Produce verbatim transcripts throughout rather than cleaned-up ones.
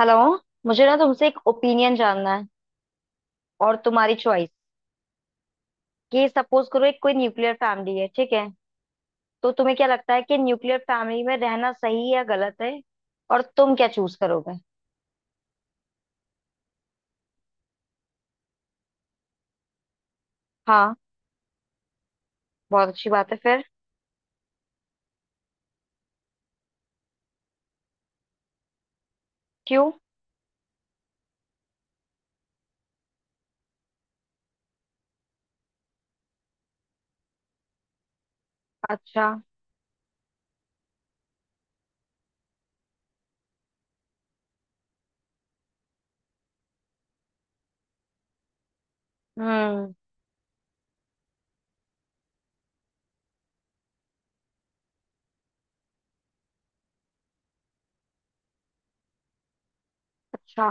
Hello. मुझे ना तुमसे एक ओपिनियन जानना है और तुम्हारी चॉइस। कि सपोज करो एक कोई न्यूक्लियर फैमिली है, ठीक है। तो तुम्हें क्या लगता है कि न्यूक्लियर फैमिली में रहना सही या गलत है, और तुम क्या चूज करोगे? हाँ, बहुत अच्छी बात है फिर। क्यों? अच्छा। हम्म। अच्छा।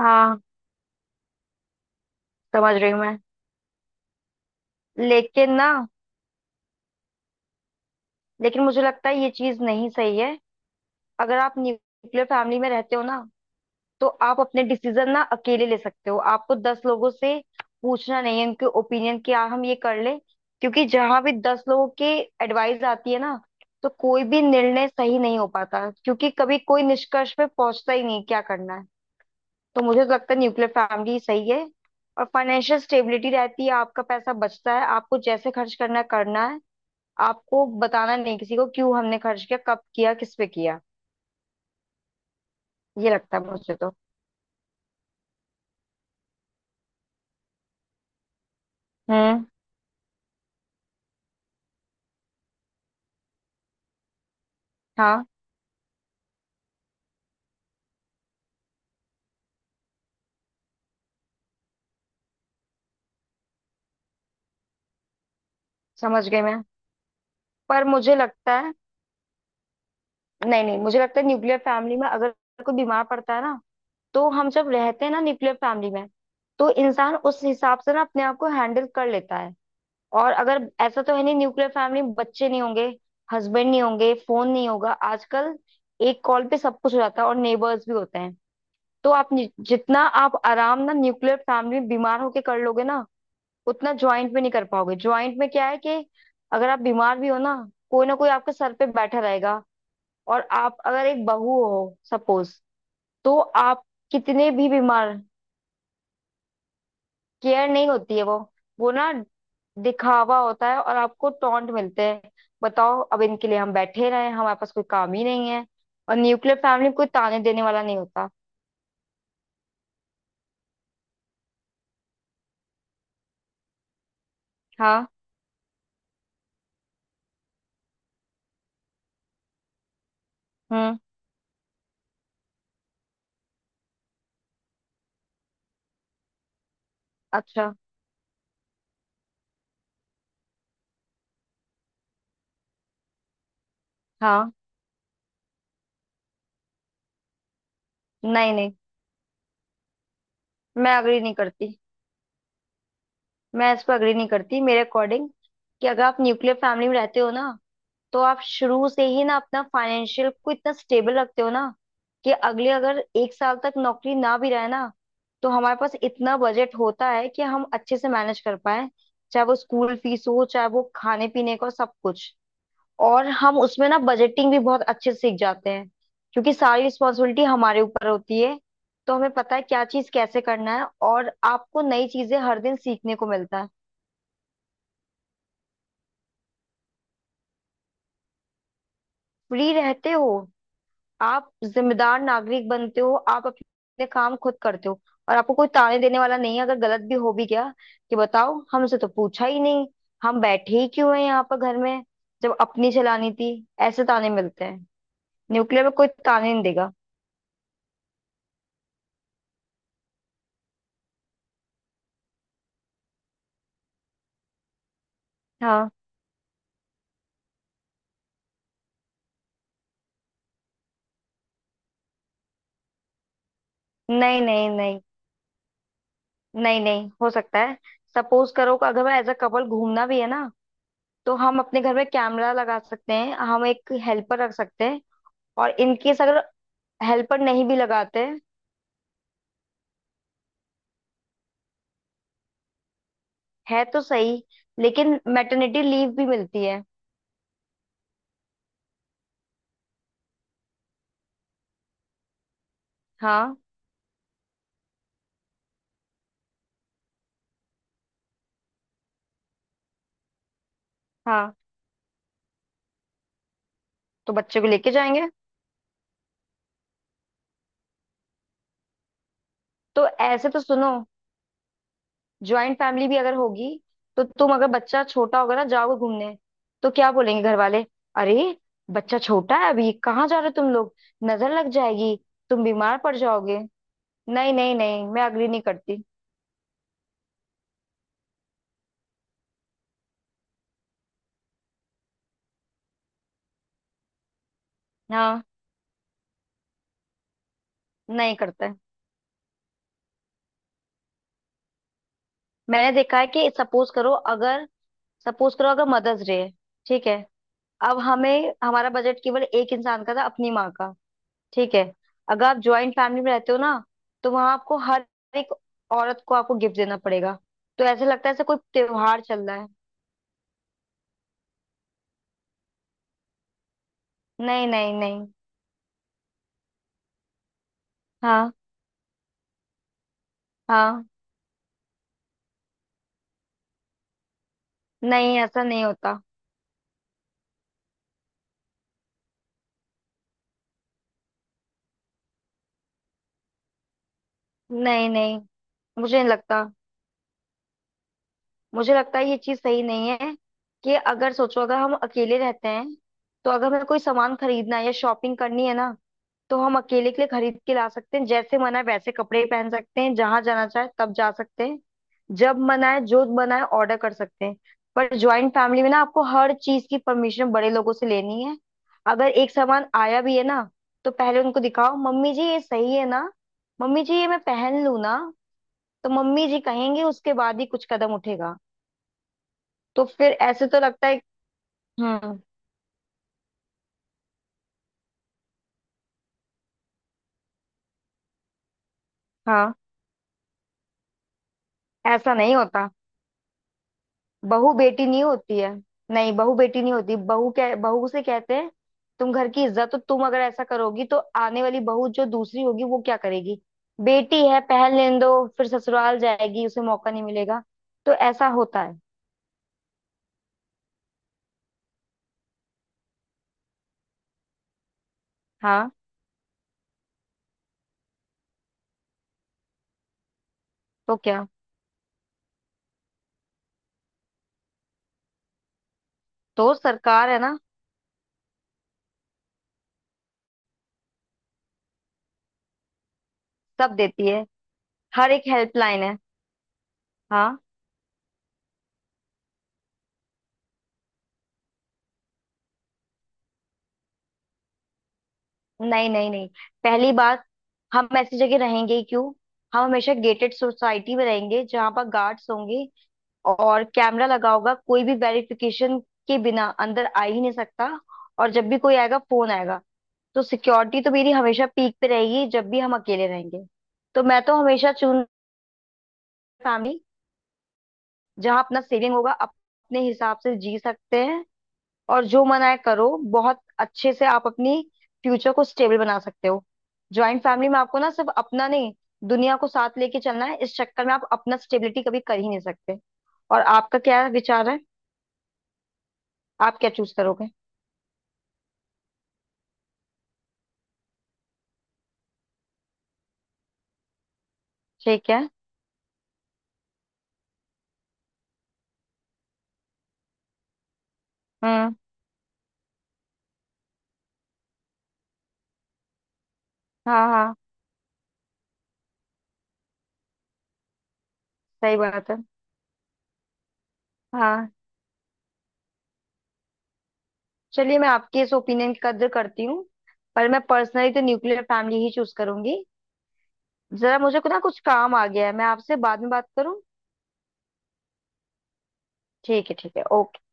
हाँ, समझ रही हूँ मैं। लेकिन ना, लेकिन मुझे लगता है ये चीज नहीं सही है। अगर आप न्यूक्लियर फैमिली में रहते हो ना, तो आप अपने डिसीजन ना अकेले ले सकते हो। आपको दस लोगों से पूछना नहीं है उनके ओपिनियन क्या, हम ये कर लें। क्योंकि जहां भी दस लोगों की एडवाइस आती है ना, तो कोई भी निर्णय सही नहीं हो पाता, क्योंकि कभी कोई निष्कर्ष पे पहुंचता ही नहीं क्या करना है। तो मुझे तो लगता है न्यूक्लियर फैमिली सही है। और फाइनेंशियल स्टेबिलिटी रहती है, आपका पैसा बचता है, आपको जैसे खर्च करना है करना है। आपको बताना नहीं किसी को क्यों हमने खर्च किया, कब किया, किस पे किया। ये लगता है मुझे तो। हम्म। हाँ, समझ गई मैं। पर मुझे लगता है, नहीं नहीं, मुझे लगता है न्यूक्लियर फैमिली में अगर कोई बीमार पड़ता है ना, तो हम जब रहते हैं ना न्यूक्लियर फैमिली में, तो इंसान उस हिसाब से ना अपने आप को हैंडल कर लेता है। और अगर ऐसा तो है नहीं न्यूक्लियर फैमिली में बच्चे नहीं होंगे, हस्बैंड नहीं होंगे, फोन नहीं होगा आजकल। एक कॉल पे सब कुछ हो जाता है, और नेबर्स भी होते हैं। तो आप नि- जितना आप आराम ना न्यूक्लियर फैमिली में बीमार होके कर लोगे ना, उतना ज्वाइंट में नहीं कर पाओगे। ज्वाइंट में क्या है कि अगर आप बीमार भी हो ना, कोई ना कोई आपके सर पे बैठा रहेगा। और आप अगर एक बहू हो सपोज, तो आप कितने भी बीमार, केयर नहीं होती है वो। वो ना दिखावा होता है और आपको टॉन्ट मिलते हैं। बताओ, अब इनके लिए हम बैठे रहे, हमारे पास कोई काम ही नहीं है। और न्यूक्लियर फैमिली में कोई ताने देने वाला नहीं होता। हाँ। हम्म। अच्छा। हाँ। नहीं नहीं, मैं अग्री नहीं करती। मैं इस पर अग्री नहीं करती मेरे अकॉर्डिंग। कि अगर आप न्यूक्लियर फैमिली में रहते हो ना, तो आप शुरू से ही ना अपना फाइनेंशियल को इतना स्टेबल रखते हो ना, कि अगले अगर एक साल तक नौकरी ना भी रहे ना, तो हमारे पास इतना बजट होता है कि हम अच्छे से मैनेज कर पाए। चाहे वो स्कूल फीस हो, चाहे वो खाने पीने का, सब कुछ। और हम उसमें ना बजटिंग भी बहुत अच्छे से सीख जाते हैं, क्योंकि सारी रिस्पॉन्सिबिलिटी हमारे ऊपर होती है। तो हमें पता है क्या चीज कैसे करना है, और आपको नई चीजें हर दिन सीखने को मिलता है। फ्री रहते हो, आप जिम्मेदार नागरिक बनते हो, आप अपने काम खुद करते हो। और आपको कोई ताने देने वाला नहीं है अगर गलत भी हो भी गया, कि बताओ हमसे तो पूछा ही नहीं, हम बैठे ही क्यों हैं यहाँ पर घर में, जब अपनी चलानी थी। ऐसे ताने मिलते हैं। न्यूक्लियर में कोई ताने नहीं देगा। हाँ। नहीं नहीं नहीं, नहीं नहीं, हो सकता है। सपोज करो कि अगर मैं एज अ कपल घूमना भी है ना, तो हम अपने घर में कैमरा लगा सकते हैं, हम एक हेल्पर रख सकते हैं। और इनकेस अगर हेल्पर नहीं भी लगाते, है तो सही। लेकिन मैटरनिटी लीव भी मिलती है। हाँ। हाँ, तो बच्चे को लेके जाएंगे। तो ऐसे तो सुनो, ज्वाइंट फैमिली भी अगर होगी, तो तुम अगर बच्चा छोटा होगा ना, जाओगे घूमने, तो क्या बोलेंगे घर वाले? अरे, बच्चा छोटा है अभी, कहाँ जा रहे हो तुम लोग? नजर लग जाएगी, तुम बीमार पड़ जाओगे। नहीं नहीं नहीं, मैं अग्री नहीं करती। हाँ, नहीं करते। मैंने देखा है कि सपोज करो अगर, सपोज करो अगर मदर्स डे है, ठीक है। अब हमें हमारा बजट केवल एक इंसान का था, अपनी माँ का। ठीक है। अगर आप ज्वाइंट फैमिली में रहते हो ना, तो वहां आपको हर एक औरत को आपको गिफ्ट देना पड़ेगा। तो ऐसे लगता है ऐसा कोई त्योहार चल रहा है। नहीं नहीं नहीं। हाँ हाँ। नहीं, ऐसा नहीं होता। नहीं नहीं, मुझे नहीं लगता। मुझे लगता है ये चीज सही नहीं है। कि अगर सोचो, अगर हम अकेले रहते हैं, तो अगर हमें कोई सामान खरीदना है या शॉपिंग करनी है ना, तो हम अकेले के लिए खरीद के ला सकते हैं, जैसे मन है वैसे कपड़े पहन सकते हैं, जहां जाना चाहे तब जा सकते हैं, जब मन आए जो मन आए ऑर्डर कर सकते हैं। पर ज्वाइंट फैमिली में ना आपको हर चीज की परमिशन बड़े लोगों से लेनी है। अगर एक सामान आया भी है ना, तो पहले उनको दिखाओ, मम्मी जी ये सही है ना, मम्मी जी ये मैं पहन लूं ना, तो मम्मी जी कहेंगे उसके बाद ही कुछ कदम उठेगा। तो फिर ऐसे तो लगता है। हम्म। हाँ। ऐसा नहीं होता। बहू बेटी नहीं होती है। नहीं, बहू बेटी नहीं होती, बहू, क्या बहू से कहते हैं, तुम घर की इज्जत, तो तुम अगर ऐसा करोगी तो आने वाली बहू जो दूसरी होगी वो क्या करेगी? बेटी है, पहल लेने दो, फिर ससुराल जाएगी उसे मौका नहीं मिलेगा। तो ऐसा होता है। हाँ। तो क्या, तो सरकार है ना, सब देती है, हर एक हेल्पलाइन है। हाँ। नहीं नहीं नहीं, पहली बात, हम ऐसी जगह रहेंगे ही क्यों? हम हमेशा गेटेड सोसाइटी में रहेंगे, जहां पर गार्ड्स होंगे और कैमरा लगा होगा, कोई भी वेरिफिकेशन के बिना अंदर आ ही नहीं सकता। और जब भी कोई आएगा, फोन आएगा, तो सिक्योरिटी तो मेरी हमेशा पीक पे रहेगी जब भी हम अकेले रहेंगे। तो मैं तो हमेशा चुन, फैमिली, जहाँ अपना सेविंग होगा, अपने हिसाब से जी सकते हैं, और जो मन आए करो। बहुत अच्छे से आप अपनी फ्यूचर को स्टेबल बना सकते हो। ज्वाइंट फैमिली में आपको ना सिर्फ अपना नहीं, दुनिया को साथ लेके चलना है, इस चक्कर में आप अपना स्टेबिलिटी कभी कर ही नहीं सकते। और आपका क्या विचार है, आप क्या चूज करोगे? ठीक है। हम्म। हाँ हाँ, सही बात है। हाँ, चलिए, मैं आपके इस ओपिनियन की कद्र करती हूँ, पर मैं पर्सनली तो न्यूक्लियर फैमिली ही चूज करूंगी। जरा मुझे ना कुछ काम आ गया है, मैं आपसे बाद में बात करूँ। ठीक है ठीक है, ओके।